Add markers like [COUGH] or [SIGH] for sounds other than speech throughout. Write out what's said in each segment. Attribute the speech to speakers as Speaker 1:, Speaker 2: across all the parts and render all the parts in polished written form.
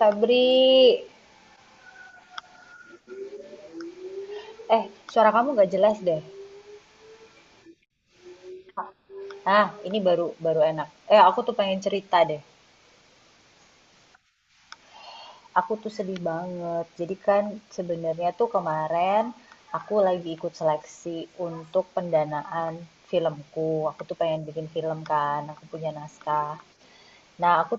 Speaker 1: Febri, eh suara kamu gak jelas deh. Ah, ini baru baru enak. Aku tuh pengen cerita deh. Aku tuh sedih banget. Jadi kan sebenarnya tuh kemarin aku lagi ikut seleksi untuk pendanaan filmku. Aku tuh pengen bikin film kan, aku punya naskah. Nah, aku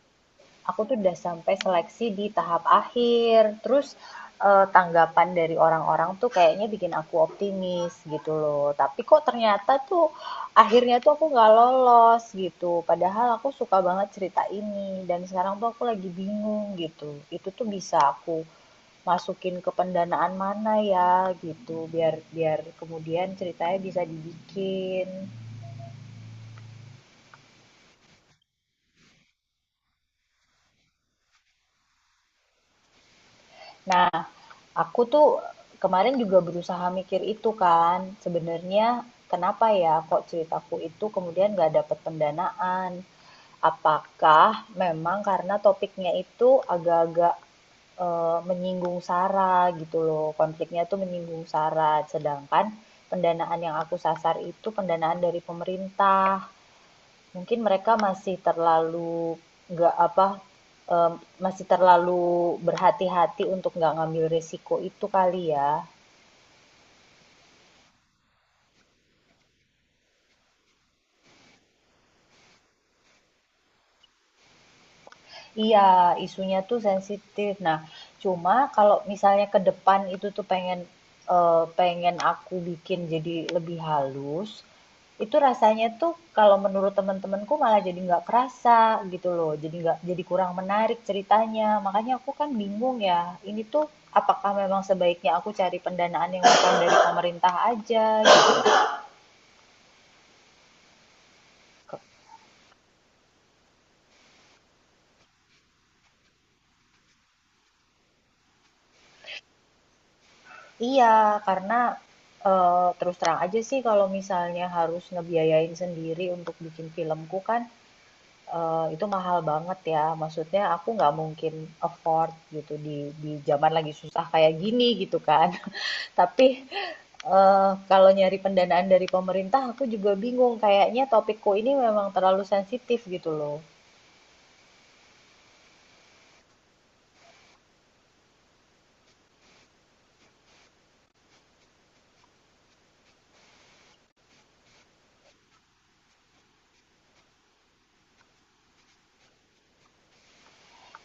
Speaker 1: aku tuh udah sampai seleksi di tahap akhir. Terus tanggapan dari orang-orang tuh kayaknya bikin aku optimis gitu loh. Tapi kok ternyata tuh akhirnya tuh aku nggak lolos gitu. Padahal aku suka banget cerita ini dan sekarang tuh aku lagi bingung gitu. Itu tuh bisa aku masukin ke pendanaan mana ya gitu biar biar kemudian ceritanya bisa dibikin. Nah, aku tuh kemarin juga berusaha mikir itu kan, sebenarnya kenapa ya kok ceritaku itu kemudian nggak dapat pendanaan? Apakah memang karena topiknya itu agak-agak menyinggung SARA gitu loh, konfliknya tuh menyinggung SARA, sedangkan pendanaan yang aku sasar itu pendanaan dari pemerintah. Mungkin mereka masih terlalu nggak apa em, masih terlalu berhati-hati untuk nggak ngambil risiko itu kali ya. Iya, isunya tuh sensitif. Nah, cuma kalau misalnya ke depan itu tuh pengen aku bikin jadi lebih halus, itu rasanya tuh kalau menurut teman-temanku malah jadi nggak kerasa gitu loh. Jadi nggak jadi kurang menarik ceritanya. Makanya aku kan bingung ya. Ini tuh apakah memang sebaiknya aku cari pendanaan yang datang dari pemerintah aja gitu. Iya, karena eh, terus terang aja sih kalau misalnya harus ngebiayain sendiri untuk bikin filmku kan itu mahal banget ya. Maksudnya aku nggak mungkin afford gitu di zaman lagi susah kayak gini gitu kan. [LAUGHS] Tapi eh, kalau nyari pendanaan dari pemerintah aku juga bingung. Kayaknya topikku ini memang terlalu sensitif gitu loh.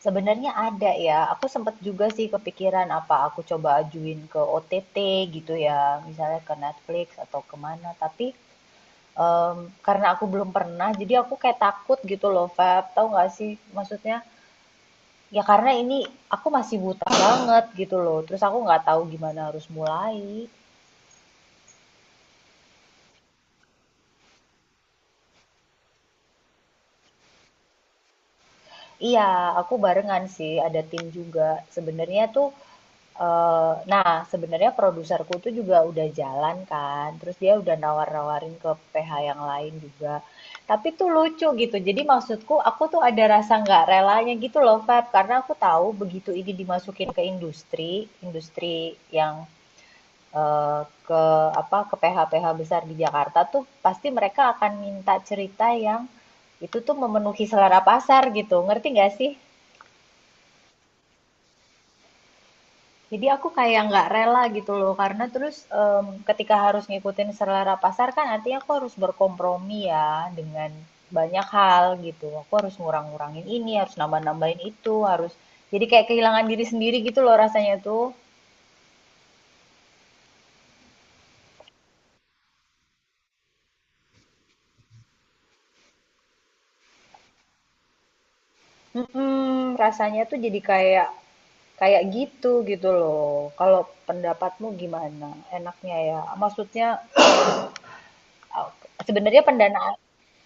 Speaker 1: Sebenarnya ada ya, aku sempet juga sih kepikiran apa aku coba ajuin ke OTT gitu ya, misalnya ke Netflix atau kemana, tapi karena aku belum pernah, jadi aku kayak takut gitu loh, Feb, tahu nggak sih? Maksudnya, ya karena ini aku masih buta banget gitu loh, terus aku nggak tahu gimana harus mulai. Iya, aku barengan sih, ada tim juga. Sebenarnya tuh nah, sebenarnya produserku tuh juga udah jalan kan, terus dia udah nawar-nawarin ke PH yang lain juga. Tapi tuh lucu gitu. Jadi maksudku aku tuh ada rasa nggak relanya gitu loh, Feb, karena aku tahu begitu ini dimasukin ke industri yang eh, ke apa ke PH-PH besar di Jakarta tuh pasti mereka akan minta cerita yang itu tuh memenuhi selera pasar gitu. Ngerti nggak sih? Jadi aku kayak nggak rela gitu loh, karena terus ketika harus ngikutin selera pasar kan artinya aku harus berkompromi ya dengan banyak hal gitu. Aku harus ngurang-ngurangin ini, harus nambah-nambahin itu, harus jadi kayak kehilangan diri sendiri gitu loh rasanya tuh. Mm-mm, rasanya tuh jadi kayak kayak gitu gitu loh. Kalau pendapatmu gimana? Enaknya ya, maksudnya uh, sebenarnya pendanaan.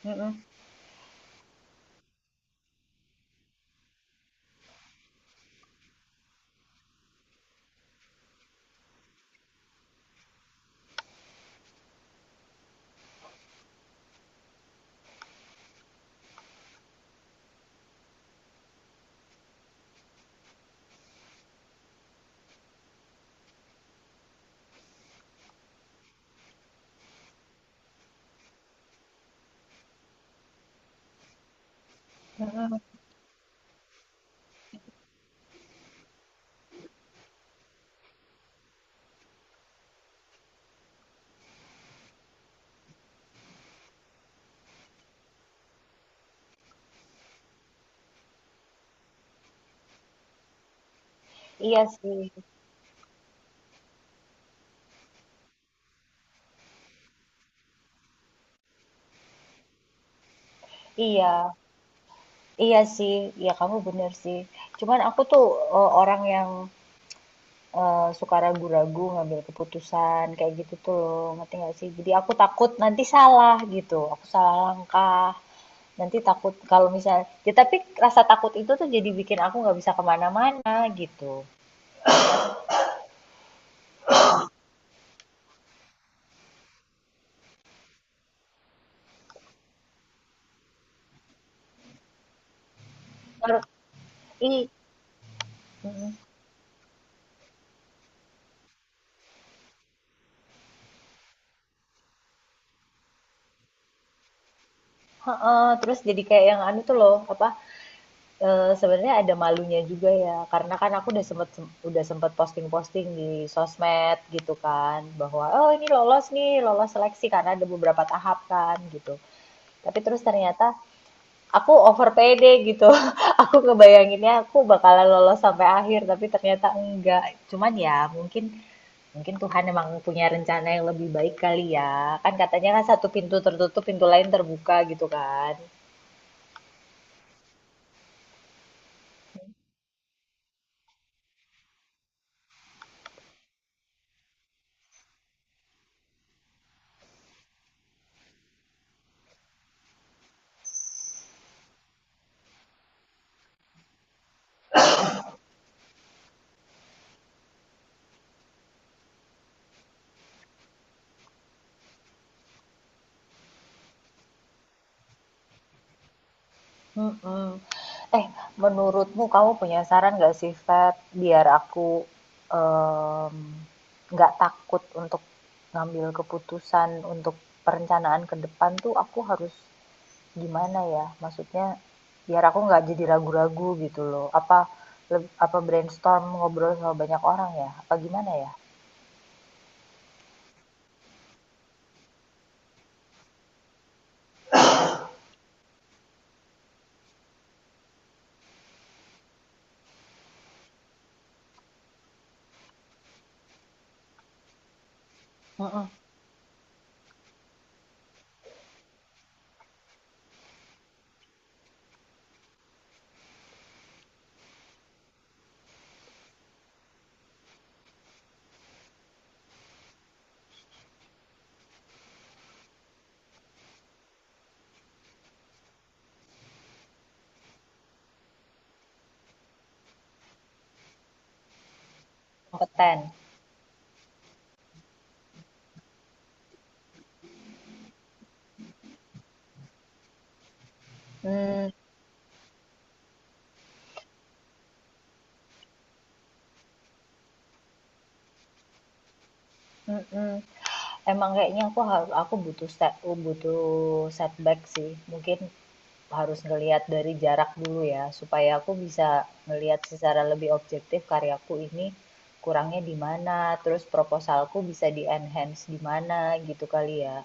Speaker 1: Mm-mm. Mm-mm. Iya sih, iya. Iya sih, ya kamu bener sih. Cuman aku tuh orang yang suka ragu-ragu ngambil keputusan kayak gitu tuh loh, ngerti gak sih? Jadi aku takut nanti salah gitu, aku salah langkah. Nanti takut kalau misalnya, ya tapi rasa takut itu tuh jadi bikin aku nggak bisa kemana-mana gitu. Terus, i, mm-mm. Heeh, terus jadi kayak yang anu tuh loh, apa? Sebenarnya ada malunya juga ya, karena kan aku udah sempet posting-posting di sosmed gitu kan, bahwa, "Oh ini lolos nih, lolos seleksi," karena ada beberapa tahap kan gitu. Tapi terus ternyata aku over pede gitu, [LAUGHS] aku ngebayanginnya aku bakalan lolos sampai akhir, tapi ternyata enggak. Cuman ya mungkin mungkin Tuhan emang punya rencana yang lebih baik kali ya, kan katanya kan satu pintu tertutup, pintu lain terbuka gitu kan. Mhm. Eh, menurutmu kamu punya saran nggak sih, Feb, biar aku em, nggak takut untuk ngambil keputusan untuk perencanaan ke depan tuh aku harus gimana ya? Maksudnya biar aku nggak jadi ragu-ragu gitu loh. Apa apa brainstorm ngobrol sama banyak orang ya? Apa gimana ya? Mhm, kompeten. Hmm, mhm. Emang kayaknya aku butuh setback sih. Mungkin harus ngelihat dari jarak dulu ya supaya aku bisa ngelihat secara lebih objektif karyaku ini kurangnya di mana, terus proposalku bisa di enhance di mana gitu kali ya.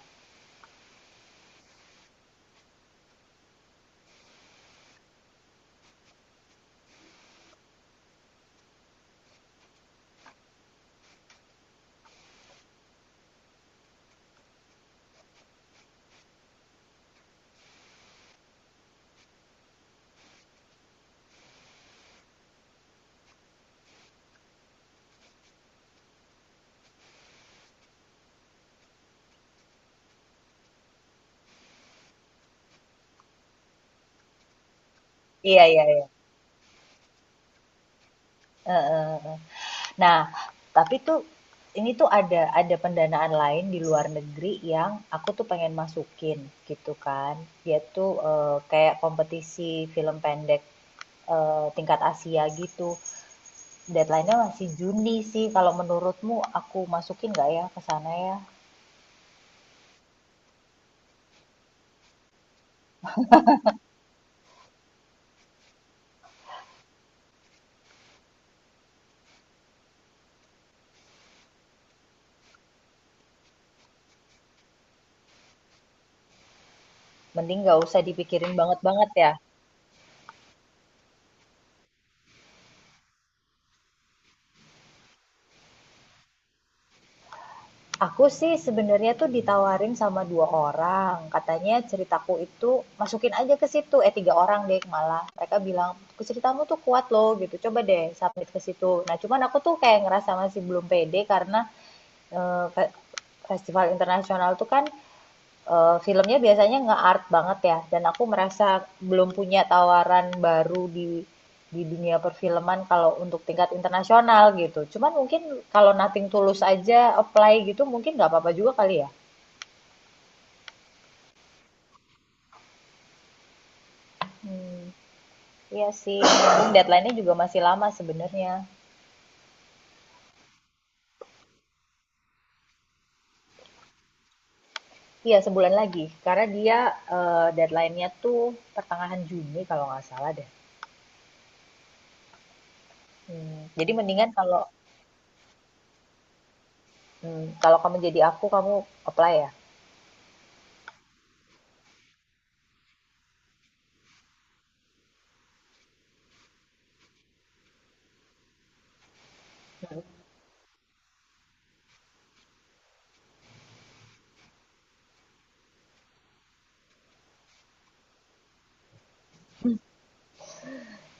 Speaker 1: Iya iya iya. Eh, eh, eh. Nah, tapi tuh ini tuh ada pendanaan lain di luar negeri yang aku tuh pengen masukin gitu kan, dia tuh kayak kompetisi film pendek tingkat Asia gitu. Deadline-nya masih Juni sih. Kalau menurutmu aku masukin nggak ya ke sana ya? Mending nggak usah dipikirin banget-banget ya. Aku sih sebenarnya tuh ditawarin sama dua orang. Katanya ceritaku itu masukin aja ke situ. Eh, tiga orang deh malah. Mereka bilang, ceritamu tuh kuat loh gitu. Coba deh submit ke situ. Nah cuman aku tuh kayak ngerasa masih belum pede karena eh, festival internasional tuh kan filmnya biasanya nge-art banget ya, dan aku merasa belum punya tawaran baru di dunia perfilman kalau untuk tingkat internasional gitu. Cuman mungkin kalau Nothing Tulus aja apply gitu mungkin nggak apa-apa juga kali ya. Hmm, iya sih, mumpung deadline-nya juga masih lama sebenarnya. Iya, sebulan lagi. Karena dia deadline-nya tuh pertengahan Juni kalau nggak salah deh. Hmm, jadi mendingan kalau hmm, kalau kamu jadi aku, kamu apply ya.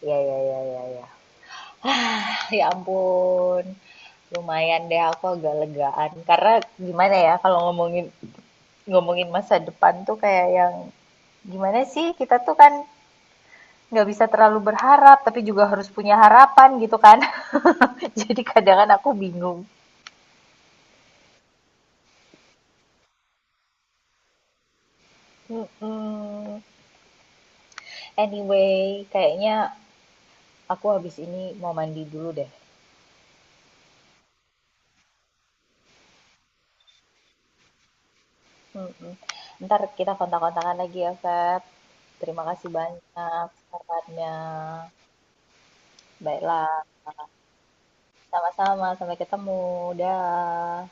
Speaker 1: Iya, iya, iya, iya, iya. [SIGHS] Ah, ya ampun. Lumayan deh aku agak legaan. Karena gimana ya kalau ngomongin ngomongin masa depan tuh kayak yang gimana sih, kita tuh kan nggak bisa terlalu berharap tapi juga harus punya harapan gitu kan. [LAUGHS] Jadi kadang kan aku bingung. Mm-mm. Anyway, kayaknya aku habis ini mau mandi dulu deh. Mm-mm. Ntar kita kontak-kontakan lagi ya, Feb. Terima kasih banyak sarannya. Baiklah. Sama-sama, sampai ketemu. Dah.